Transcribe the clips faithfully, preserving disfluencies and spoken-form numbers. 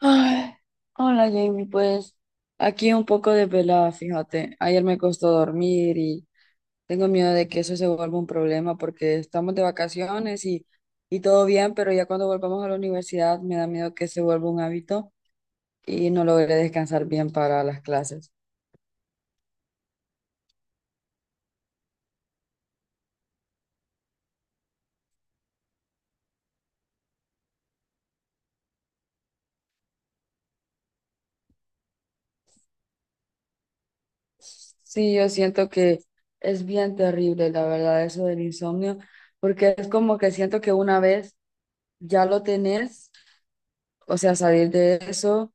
Ay, hola Jamie, pues aquí un poco desvelada, fíjate. Ayer me costó dormir y tengo miedo de que eso se vuelva un problema porque estamos de vacaciones y, y todo bien, pero ya cuando volvamos a la universidad me da miedo que se vuelva un hábito y no logré descansar bien para las clases. Sí, yo siento que es bien terrible, la verdad, eso del insomnio, porque es como que siento que una vez ya lo tenés, o sea, salir de eso.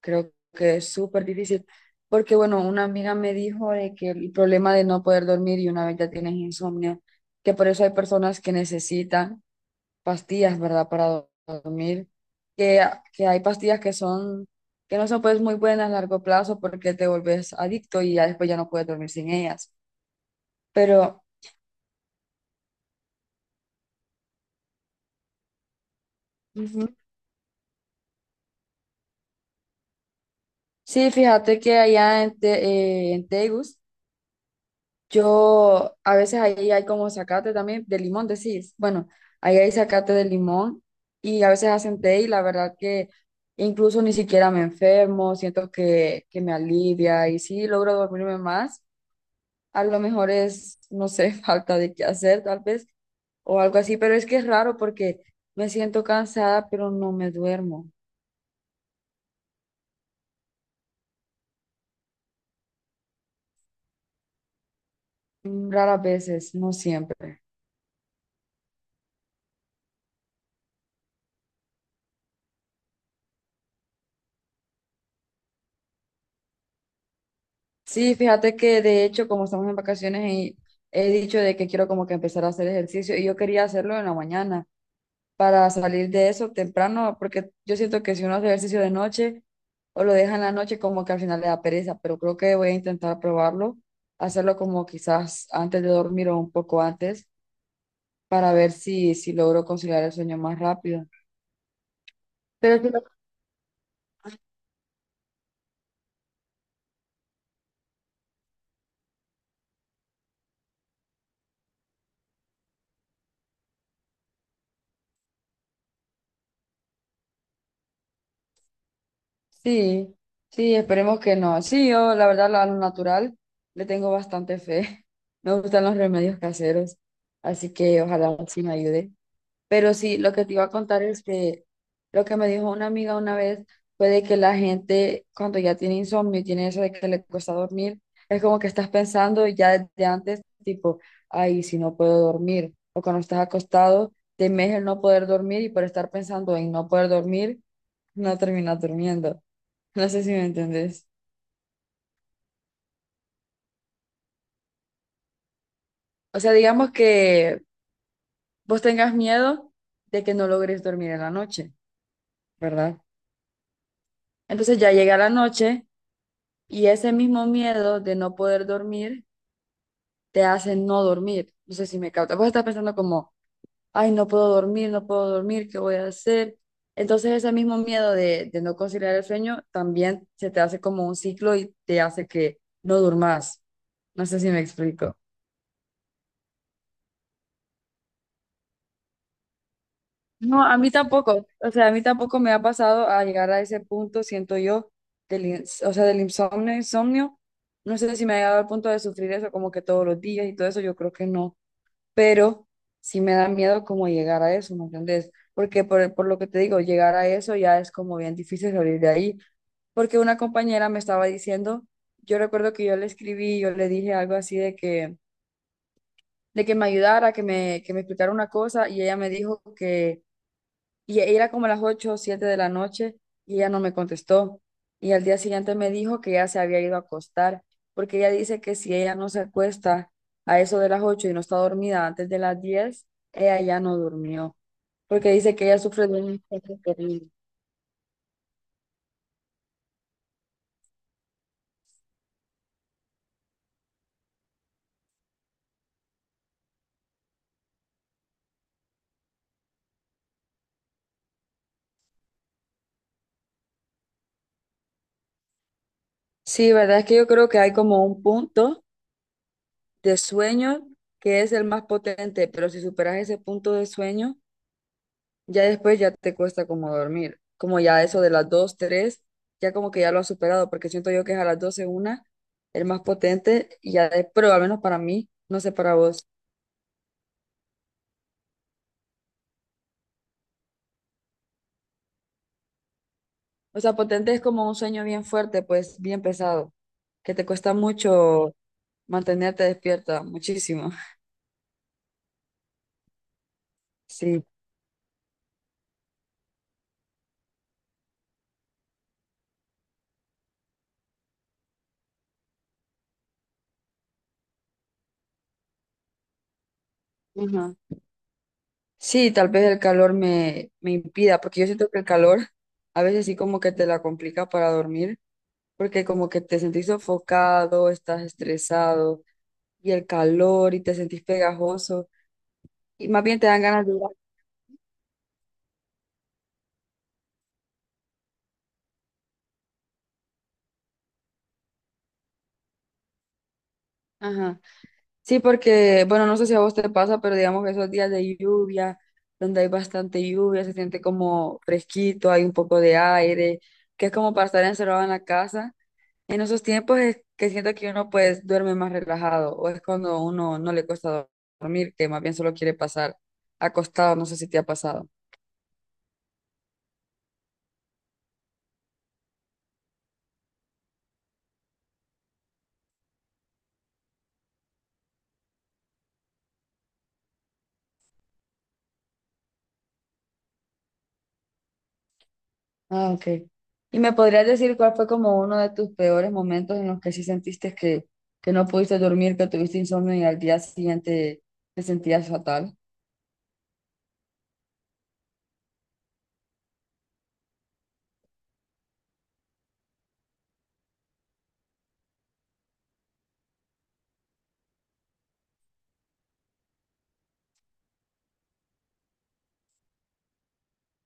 Creo que es súper difícil, porque bueno, una amiga me dijo de que el problema de no poder dormir y una vez ya tienes insomnio, que por eso hay personas que necesitan pastillas, ¿verdad? Para do- dormir, que, ah, que hay pastillas que son, que no son pues muy buenas a largo plazo porque te vuelves adicto y ya después ya no puedes dormir sin ellas. Pero ujú, sí, fíjate que allá en, Te- eh, en Tegus, yo, a veces ahí hay como zacate también, de limón, decís. Bueno, ahí hay zacate de limón y a veces hacen té y la verdad que incluso ni siquiera me enfermo, siento que, que me alivia y sí logro dormirme más. A lo mejor es, no sé, falta de qué hacer tal vez o algo así, pero es que es raro porque me siento cansada, pero no me duermo. Mm, raras veces, no siempre. Sí, fíjate que de hecho, como estamos en vacaciones, y he dicho de que quiero como que empezar a hacer ejercicio y yo quería hacerlo en la mañana para salir de eso temprano, porque yo siento que si uno hace ejercicio de noche o lo deja en la noche, como que al final le da pereza, pero creo que voy a intentar probarlo, hacerlo como quizás antes de dormir o un poco antes para ver si, si logro conciliar el sueño más rápido. Pero sí, sí, esperemos que no. Sí, yo la verdad a lo natural le tengo bastante fe. Me gustan los remedios caseros, así que ojalá sí me ayude. Pero sí, lo que te iba a contar es que lo que me dijo una amiga una vez fue de que la gente cuando ya tiene insomnio, tiene eso de que le cuesta dormir, es como que estás pensando ya desde antes, tipo, ay, si no puedo dormir, o cuando estás acostado, temes el no poder dormir y por estar pensando en no poder dormir, no terminas durmiendo. No sé si me entendés. O sea, digamos que vos tengas miedo de que no logres dormir en la noche, ¿verdad? Entonces ya llega la noche y ese mismo miedo de no poder dormir te hace no dormir. No sé si me capta. Vos estás pensando como, ay, no puedo dormir, no puedo dormir, ¿qué voy a hacer? Entonces ese mismo miedo de, de no conciliar el sueño también se te hace como un ciclo y te hace que no durmas. No sé si me explico. No, a mí tampoco, o sea, a mí tampoco me ha pasado a llegar a ese punto, siento yo, del, ins- o sea, del insomnio, insomnio, no sé si me ha llegado al punto de sufrir eso como que todos los días y todo eso, yo creo que no, pero sí me da miedo como llegar a eso, ¿me entiendes? Porque por, por lo que te digo, llegar a eso ya es como bien difícil salir de ahí, porque una compañera me estaba diciendo, yo recuerdo que yo le escribí, yo le dije algo así de que, de que me ayudara, que me, que me explicara una cosa, y ella me dijo y era como las ocho o siete de la noche y ella no me contestó. Y al día siguiente me dijo que ya se había ido a acostar, porque ella dice que si ella no se acuesta a eso de las ocho y no está dormida antes de las diez ella ya no durmió, porque dice que ella sufre de un sueño terrible. Sí, verdad es que yo creo que hay como un punto de sueño que es el más potente, pero si superas ese punto de sueño, ya después ya te cuesta como dormir, como ya eso de las dos tres ya como que ya lo has superado, porque siento yo que es a las doce una el más potente, y ya de- pero al menos para mí, no sé para vos. O sea, potente es como un sueño bien fuerte, pues bien pesado, que te cuesta mucho mantenerte despierta, muchísimo. Sí. Ajá. Sí, tal vez el calor me, me impida, porque yo siento que el calor a veces sí como que te la complica para dormir. Porque como que te sentís sofocado, estás estresado y el calor y te sentís pegajoso y más bien te dan ganas de ir. a- Ajá. Sí, porque, bueno, no sé si a vos te pasa, pero digamos que esos días de lluvia, donde hay bastante lluvia, se siente como fresquito, hay un poco de aire, que es como para estar encerrado en la casa. En esos tiempos es que siento que uno pues duerme más relajado o es cuando uno no le cuesta dormir, que más bien solo quiere pasar acostado, no sé si te ha pasado. Ah, ok. ¿Y me podrías decir cuál fue como uno de tus peores momentos en los que sí sentiste que, que no pudiste dormir, que tuviste insomnio y al día siguiente te sentías fatal?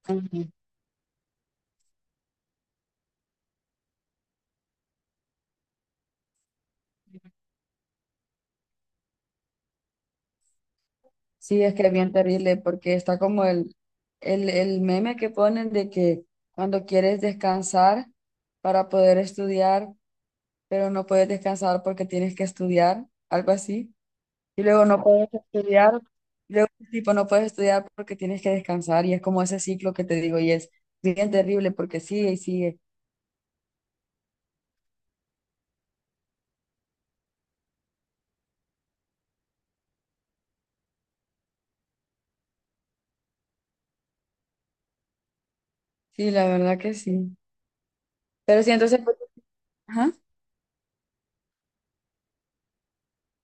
Ujú. Sí, es que es bien terrible porque está como el, el, el meme que ponen de que cuando quieres descansar para poder estudiar, pero no puedes descansar porque tienes que estudiar, algo así. Y luego no puedes estudiar, luego tipo no puedes estudiar porque tienes que descansar y es como ese ciclo que te digo y es bien terrible porque sigue y sigue. Sí, la verdad que sí. Pero sí, entonces, pues, ajá,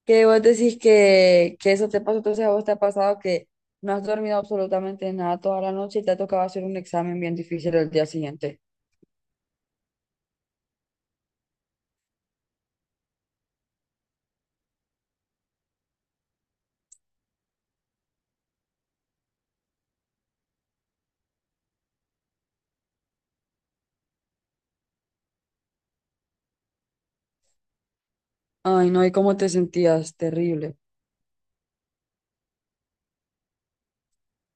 que vos decís que, que eso te pasó, entonces a vos te ha pasado que no has dormido absolutamente nada toda la noche y te ha tocado hacer un examen bien difícil el día siguiente. Ay, no, ¿y cómo te sentías? Terrible.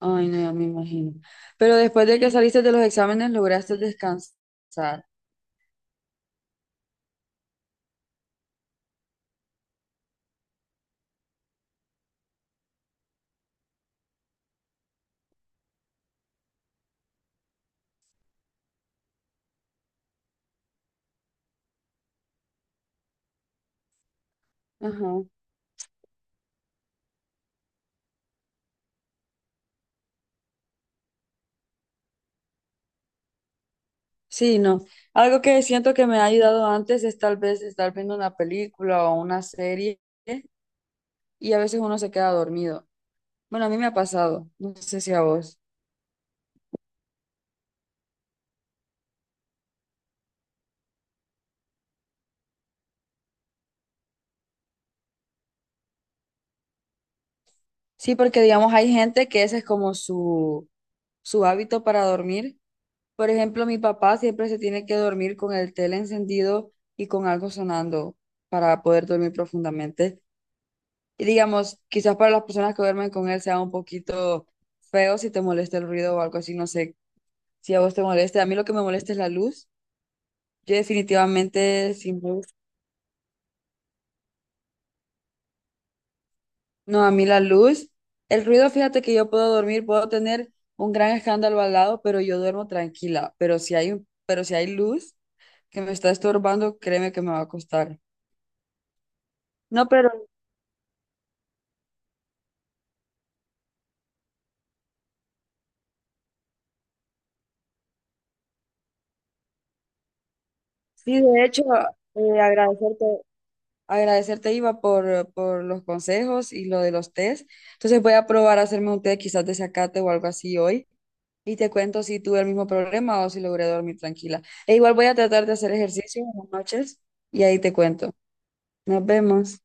Ay, no, ya me imagino. Pero después de que saliste de los exámenes, lograste descansar. Ajá. Sí, no. Algo que siento que me ha ayudado antes es tal vez estar viendo una película o una serie y a veces uno se queda dormido. Bueno, a mí me ha pasado, no sé si a vos. Sí, porque digamos hay gente que ese es como su, su hábito para dormir. Por ejemplo, mi papá siempre se tiene que dormir con el tele encendido y con algo sonando para poder dormir profundamente. Y digamos, quizás para las personas que duermen con él sea un poquito feo si te molesta el ruido o algo así, no sé si a vos te molesta. A mí lo que me molesta es la luz. Yo definitivamente sin luz. No, a mí la luz. El ruido, fíjate que yo puedo dormir, puedo tener un gran escándalo al lado, pero yo duermo tranquila. Pero si hay, un- pero si hay luz que me está estorbando, créeme que me va a costar. No, pero sí, de hecho, eh, agradecerte. Agradecerte, Iva, por, por los consejos y lo de los tés. Entonces voy a probar a hacerme un té quizás de zacate o algo así hoy. Y te cuento si tuve el mismo problema o si logré dormir tranquila. E igual voy a tratar de hacer ejercicio en las noches y ahí te cuento. Nos vemos.